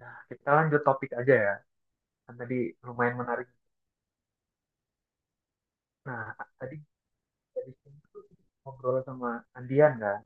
Nah, kita lanjut topik aja ya. Kan tadi lumayan menarik. Nah, tadi dari sini tuh ngobrol sama Andian kan.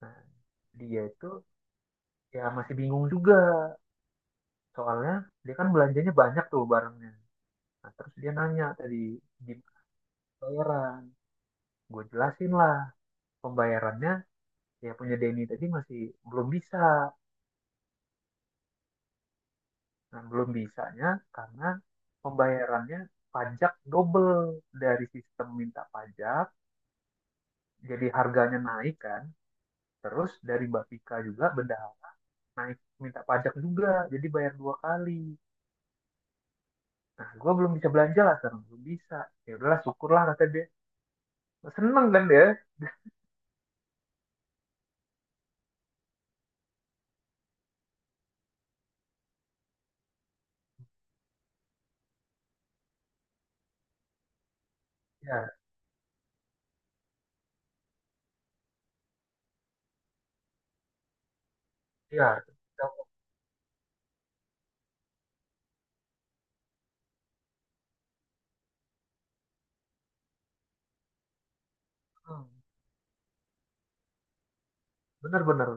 Nah, dia itu ya masih bingung juga. Soalnya dia kan belanjanya banyak tuh barangnya. Nah, terus dia nanya tadi gimana pembayaran. Gue jelasin lah pembayarannya ya punya Denny tadi masih belum bisa. Nah, belum bisanya karena pembayarannya pajak double dari sistem minta pajak jadi harganya naik kan. Terus dari Bapika juga benda naik minta pajak juga, jadi bayar dua kali. Nah, gue belum bisa belanja lah sekarang, belum bisa. Ya udahlah, syukurlah kata dia. Seneng kan dia? Ya, ya. Bener-bener.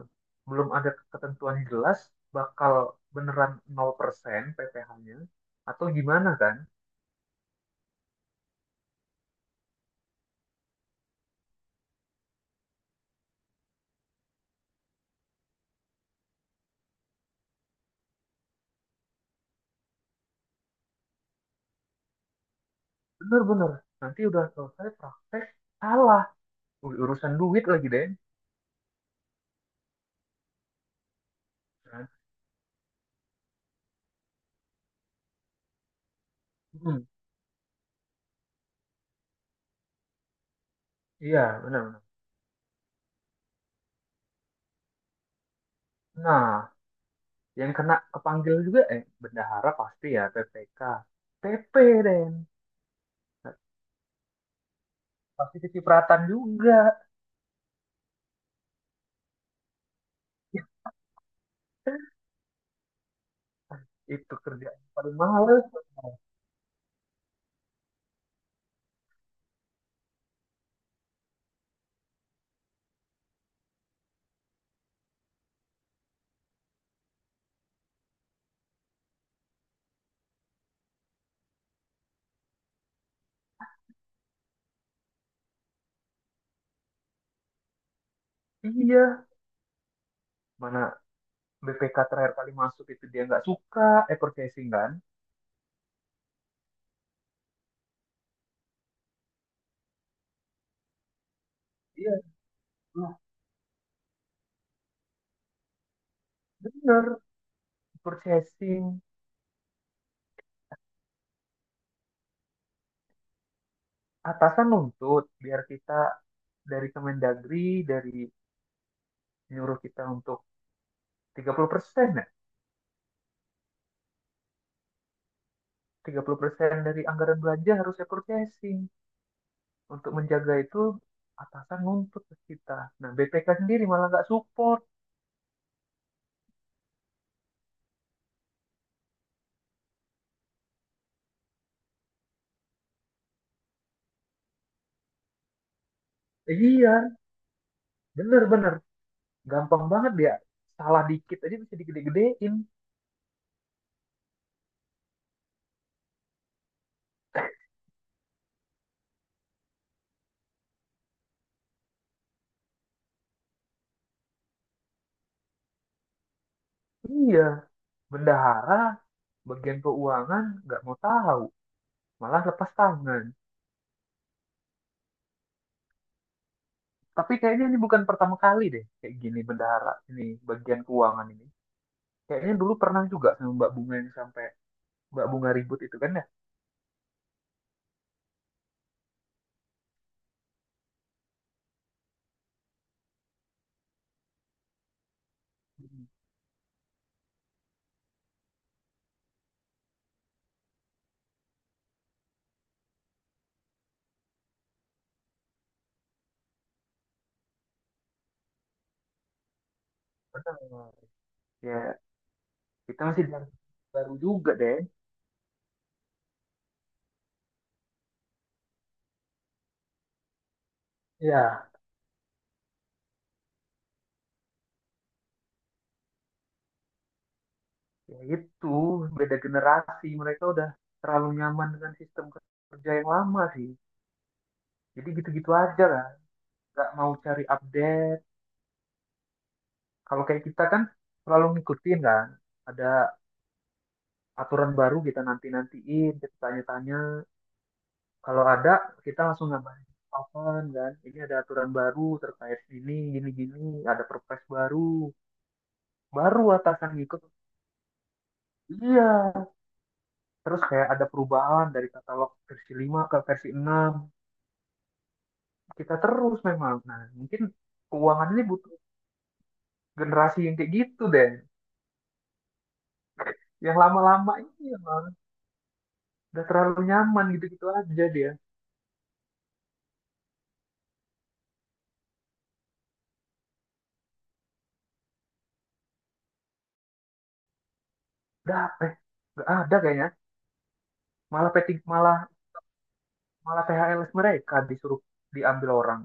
Belum ada ketentuan yang jelas bakal beneran 0% PPh-nya atau gimana kan? Bener-bener. Nanti udah selesai praktek, salah. Urusan duit lagi, deh Den. Kan? Hmm, Iya, benar-benar. Nah, yang kena kepanggil juga eh bendahara pasti ya PPK PP Den. Nah, pasti kecipratan juga. Ya, itu kerjaan paling males. Iya, mana BPK terakhir kali masuk itu dia nggak suka eh purchasing kan. Iya, nah, bener. Purchasing atasan nuntut biar kita dari Kemendagri dari nyuruh kita untuk 30% ya. 30% dari anggaran belanja harusnya purchasing. Untuk menjaga itu atasan nuntut ke kita. Nah, BPK sendiri malah nggak support. Eh, iya, bener-bener. Gampang banget dia. Salah dikit aja bisa digede-gedein. Iya, bendahara, bagian keuangan nggak mau tahu. Malah lepas tangan. Tapi kayaknya ini bukan pertama kali deh kayak gini bendahara ini bagian keuangan ini. Kayaknya dulu pernah juga sama Mbak Bunga yang sampai Mbak Bunga ribut itu kan ya. Benar. Ya, kita masih baru juga deh. Ya, ya itu, beda generasi. Mereka udah terlalu nyaman dengan sistem kerja yang lama sih. Jadi gitu-gitu aja lah. Nggak mau cari update. Kalau kayak kita kan selalu ngikutin kan. Ada aturan baru kita nanti-nantiin, kita tanya-tanya. Kalau ada, kita langsung ngabarin. Kapan kan? Ini ada aturan baru terkait ini, gini-gini. Ada perpres baru. Baru atasan ngikut. Iya. Terus kayak ada perubahan dari katalog versi 5 ke versi 6 kita terus memang. Nah, mungkin keuangan ini butuh generasi yang kayak gitu deh. Yang lama-lama ini emang udah terlalu nyaman gitu-gitu aja dia. Udah eh nggak ada kayaknya. Malah peting malah malah THL mereka disuruh diambil orang.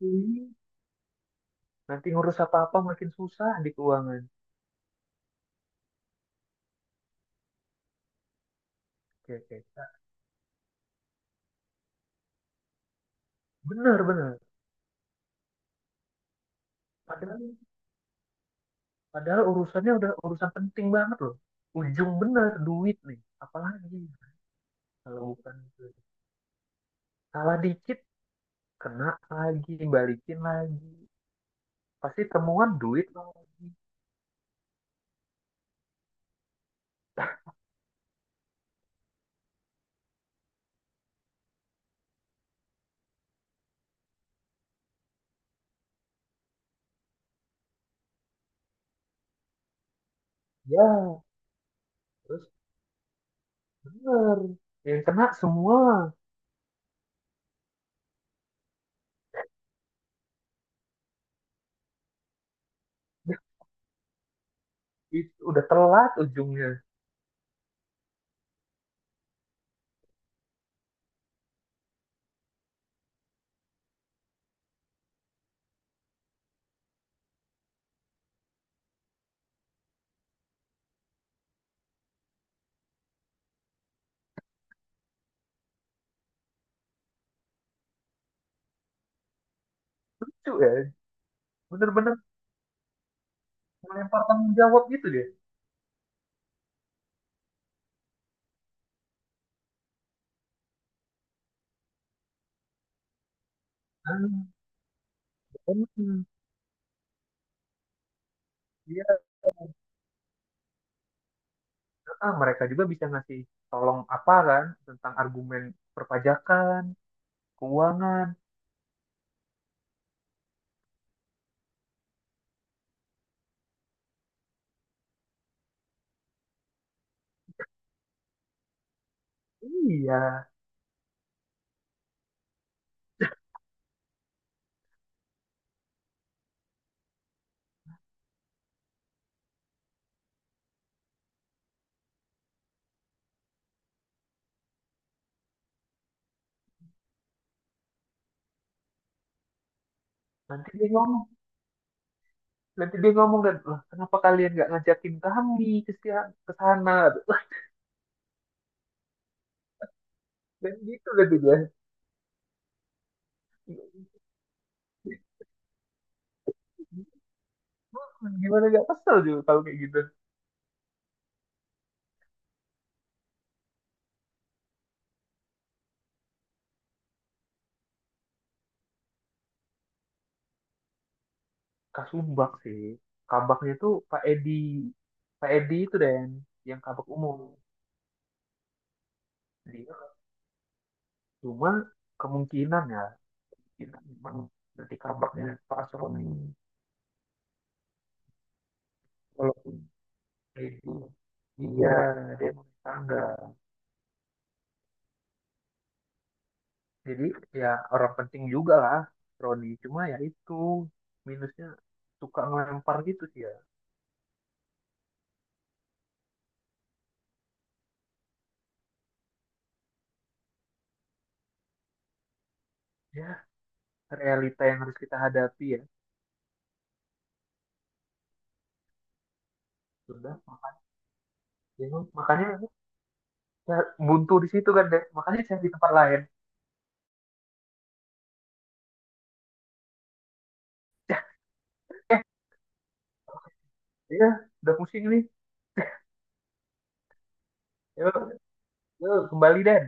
Ih, nanti ngurus apa-apa makin susah di keuangan. Oke, oke. Nah, bener, bener. Padahal, padahal urusannya udah urusan penting banget loh. Ujung bener duit nih. Apalagi kalau bukan itu. Salah dikit kena lagi balikin lagi pasti temuan duit lagi. Ya, terus bener yang kena semua. Dah, itu udah telat ujungnya. Lucu ya, bener-bener melempar tanggung jawab gitu dia. Ah, bener. Iya, ah, mereka juga bisa ngasih tolong apa kan tentang argumen perpajakan keuangan. Iya, nanti dia ngomong nanti dia ngomong kan lah kenapa kalian nggak ngajakin kami ke sana dan gitu gitu dia. Gimana gak kesel juga kalau kayak gitu. Kasumbak sih. Kabaknya tuh Pak Edi. Pak Edi itu deh yang kabak umum. Dia cuma kemungkinan ya. Kita memang nanti kabaknya Pak Soni. Walaupun Pak Edi. Iya, dia mau tangga. Jadi ya orang penting juga lah Roni. Cuma ya itu minusnya suka ngelempar gitu sih ya. Ya realita yang harus kita hadapi ya. Sudah, makanya ya buntu di situ kan deh makanya saya di tempat lain. Ya, eh, ya udah pusing nih. Ya kembali deh.